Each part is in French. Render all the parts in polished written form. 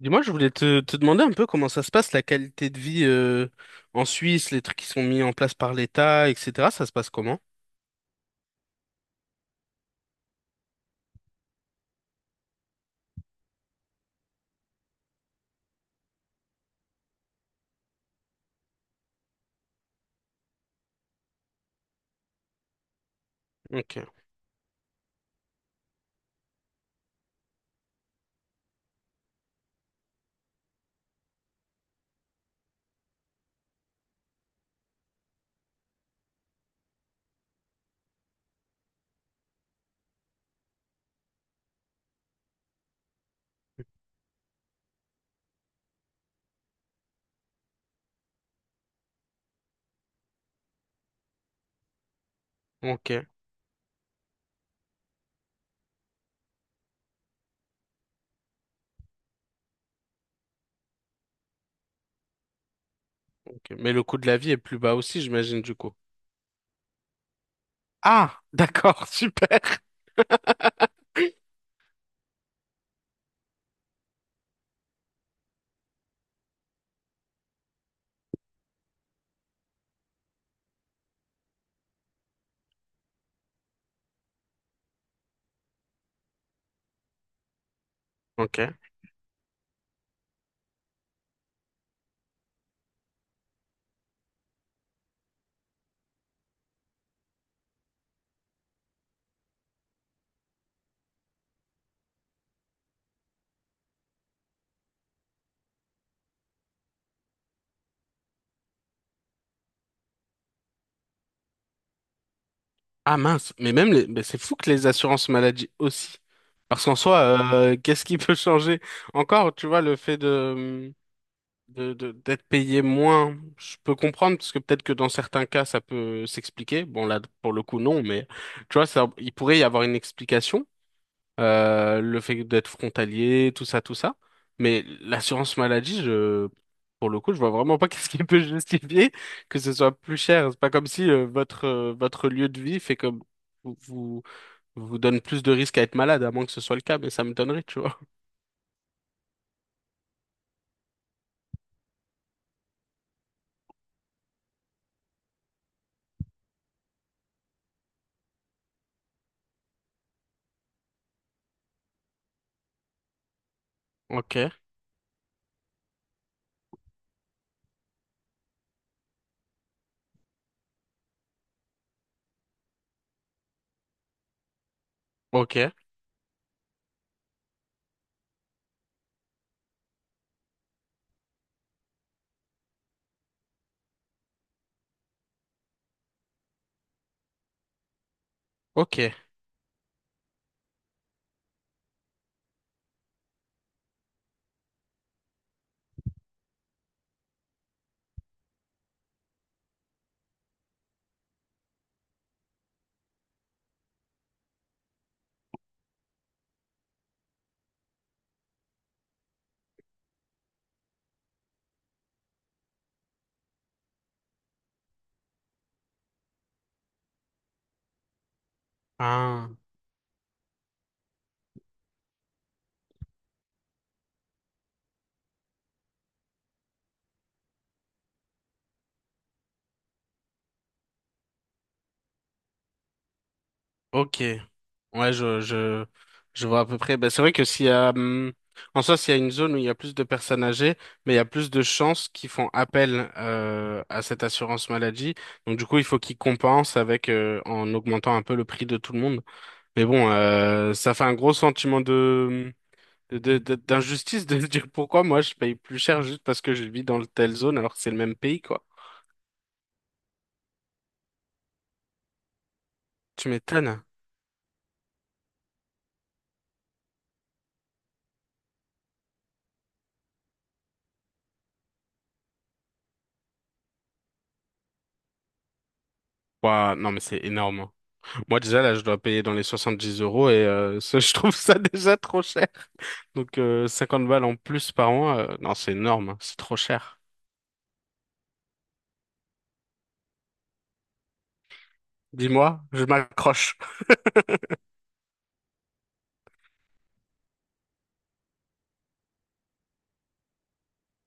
Dis-moi, je voulais te demander un peu comment ça se passe, la qualité de vie en Suisse, les trucs qui sont mis en place par l'État, etc. Ça se passe comment? Ok, ok, ok. Mais le coût de la vie est plus bas aussi, j'imagine, du coup. Ah, d'accord, super. Ok. Ah mince, mais même les mais c'est fou que les assurances maladie aussi. Parce qu'en soi, qu'est-ce qui peut changer? Encore, tu vois, le fait de d'être payé moins, je peux comprendre, parce que peut-être que dans certains cas, ça peut s'expliquer. Bon, là, pour le coup, non, mais tu vois, ça, il pourrait y avoir une explication, le fait d'être frontalier, tout ça, tout ça. Mais l'assurance maladie, pour le coup, je vois vraiment pas qu'est-ce qui peut justifier que ce soit plus cher. C'est pas comme si, votre, votre lieu de vie fait comme vous, vous, vous donne plus de risques à être malade, à moins que ce soit le cas, mais ça me donnerait, tu vois. Ok, ok, ok. Ah, ok. Ouais, je vois à peu près. Ben, c'est vrai que s'il y a, en soi, s'il y a une zone où il y a plus de personnes âgées, mais il y a plus de chances qu'ils font appel à cette assurance maladie. Donc, du coup, il faut qu'ils compensent avec en augmentant un peu le prix de tout le monde. Mais bon, ça fait un gros sentiment d'injustice de se dire pourquoi moi je paye plus cher juste parce que je vis dans telle zone alors que c'est le même pays, quoi. Tu m'étonnes. Ouah, non, mais c'est énorme. Moi déjà là je dois payer dans les 70 euros et ça, je trouve ça déjà trop cher. Donc 50 balles en plus par mois, non c'est énorme, hein, c'est trop cher. Dis-moi, je m'accroche.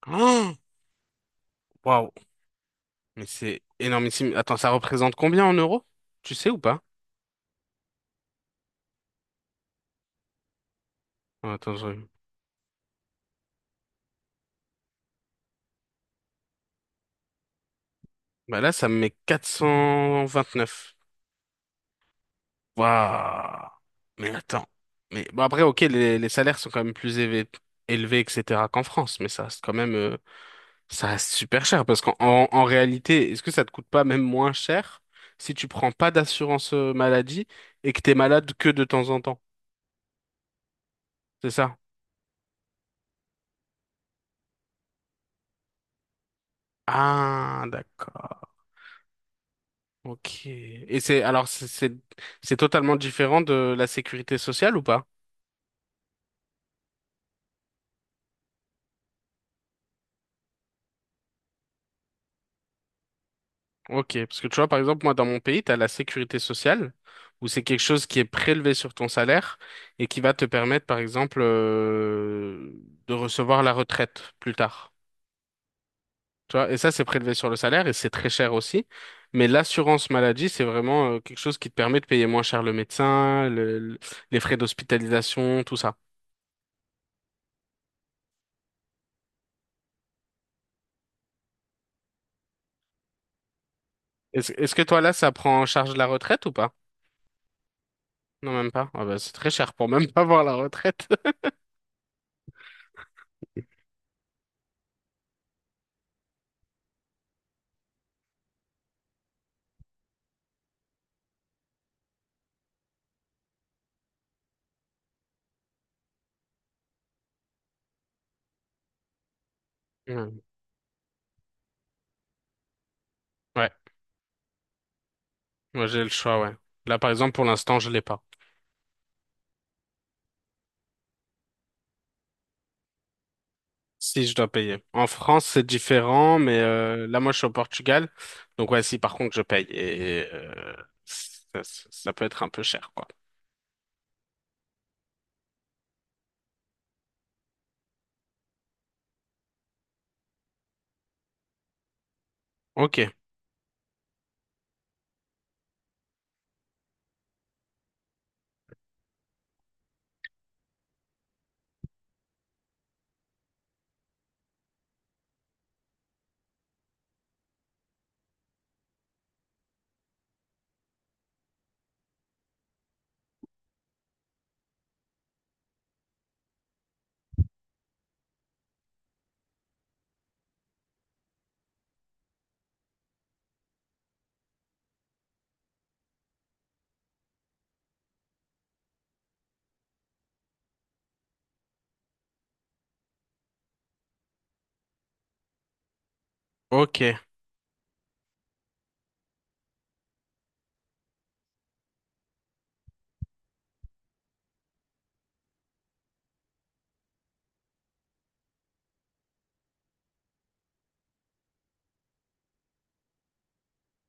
Oh waouh, mais c'est énormissime. Attends, ça représente combien en euros? Tu sais ou pas? Attends… Bah là ça me met 429. Waouh. Mais attends. Mais bon après ok les salaires sont quand même plus élevés, élevés etc. qu'en France, mais ça reste quand même ça reste super cher parce en réalité, est-ce que ça te coûte pas même moins cher si tu prends pas d'assurance maladie et que t'es malade que de temps en temps? C'est ça? Ah, d'accord. Ok. Et c'est alors c'est totalement différent de la sécurité sociale ou pas? Ok, parce que tu vois, par exemple, moi, dans mon pays, tu as la sécurité sociale, où c'est quelque chose qui est prélevé sur ton salaire et qui va te permettre, par exemple, de recevoir la retraite plus tard. Tu vois, et ça, c'est prélevé sur le salaire et c'est très cher aussi. Mais l'assurance maladie, c'est vraiment quelque chose qui te permet de payer moins cher le médecin, les frais d'hospitalisation, tout ça. Est-ce que toi, là, ça prend en charge la retraite ou pas? Non, même pas. Ah bah, c'est très cher pour même pas avoir la retraite. Hmm. Ouais, moi j'ai le choix, ouais. Là, par exemple, pour l'instant, je l'ai pas. Si je dois payer. En France, c'est différent, mais là, moi, je suis au Portugal. Donc, ouais, si par contre, je paye. Et ça peut être un peu cher, quoi. Ok, ok.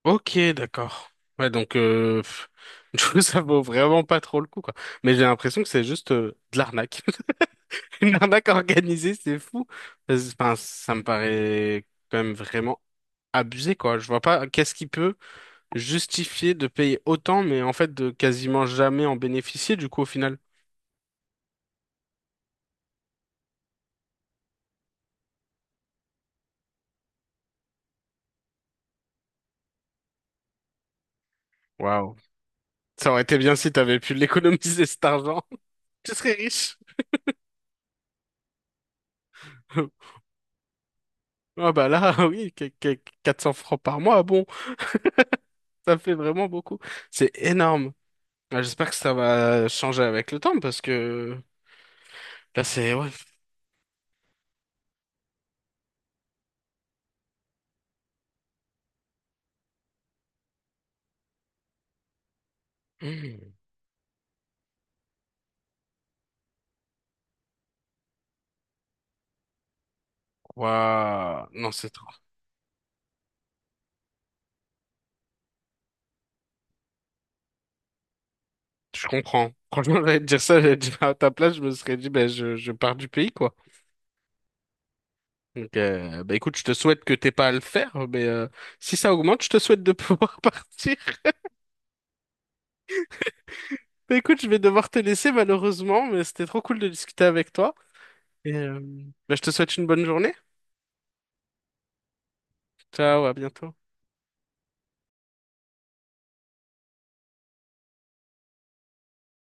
Ok, d'accord. Ouais, donc pff, du coup, ça vaut vraiment pas trop le coup, quoi. Mais j'ai l'impression que c'est juste de l'arnaque. Une arnaque organisée, c'est fou. Enfin, ça me paraît quand même vraiment abusé, quoi. Je vois pas qu'est-ce qui peut justifier de payer autant, mais en fait de quasiment jamais en bénéficier, du coup, au final. Waouh. Ça aurait été bien si t'avais pu l'économiser, cet argent. Tu serais riche. Ah bah là, oui, 400 francs par mois, bon, ça fait vraiment beaucoup. C'est énorme. Ouais, j'espère que ça va changer avec le temps parce que là c'est ouais. Mmh. Waouh. Non, c'est trop. Je comprends. Franchement, j'allais te dire ça, j'allais te dire à ta place, je me serais dit ben je pars du pays quoi. Donc bah écoute, je te souhaite que t'aies pas à le faire, mais si ça augmente, je te souhaite de pouvoir partir. Bah, écoute, je vais devoir te laisser malheureusement, mais c'était trop cool de discuter avec toi. Et bah, je te souhaite une bonne journée. Ciao, à bientôt.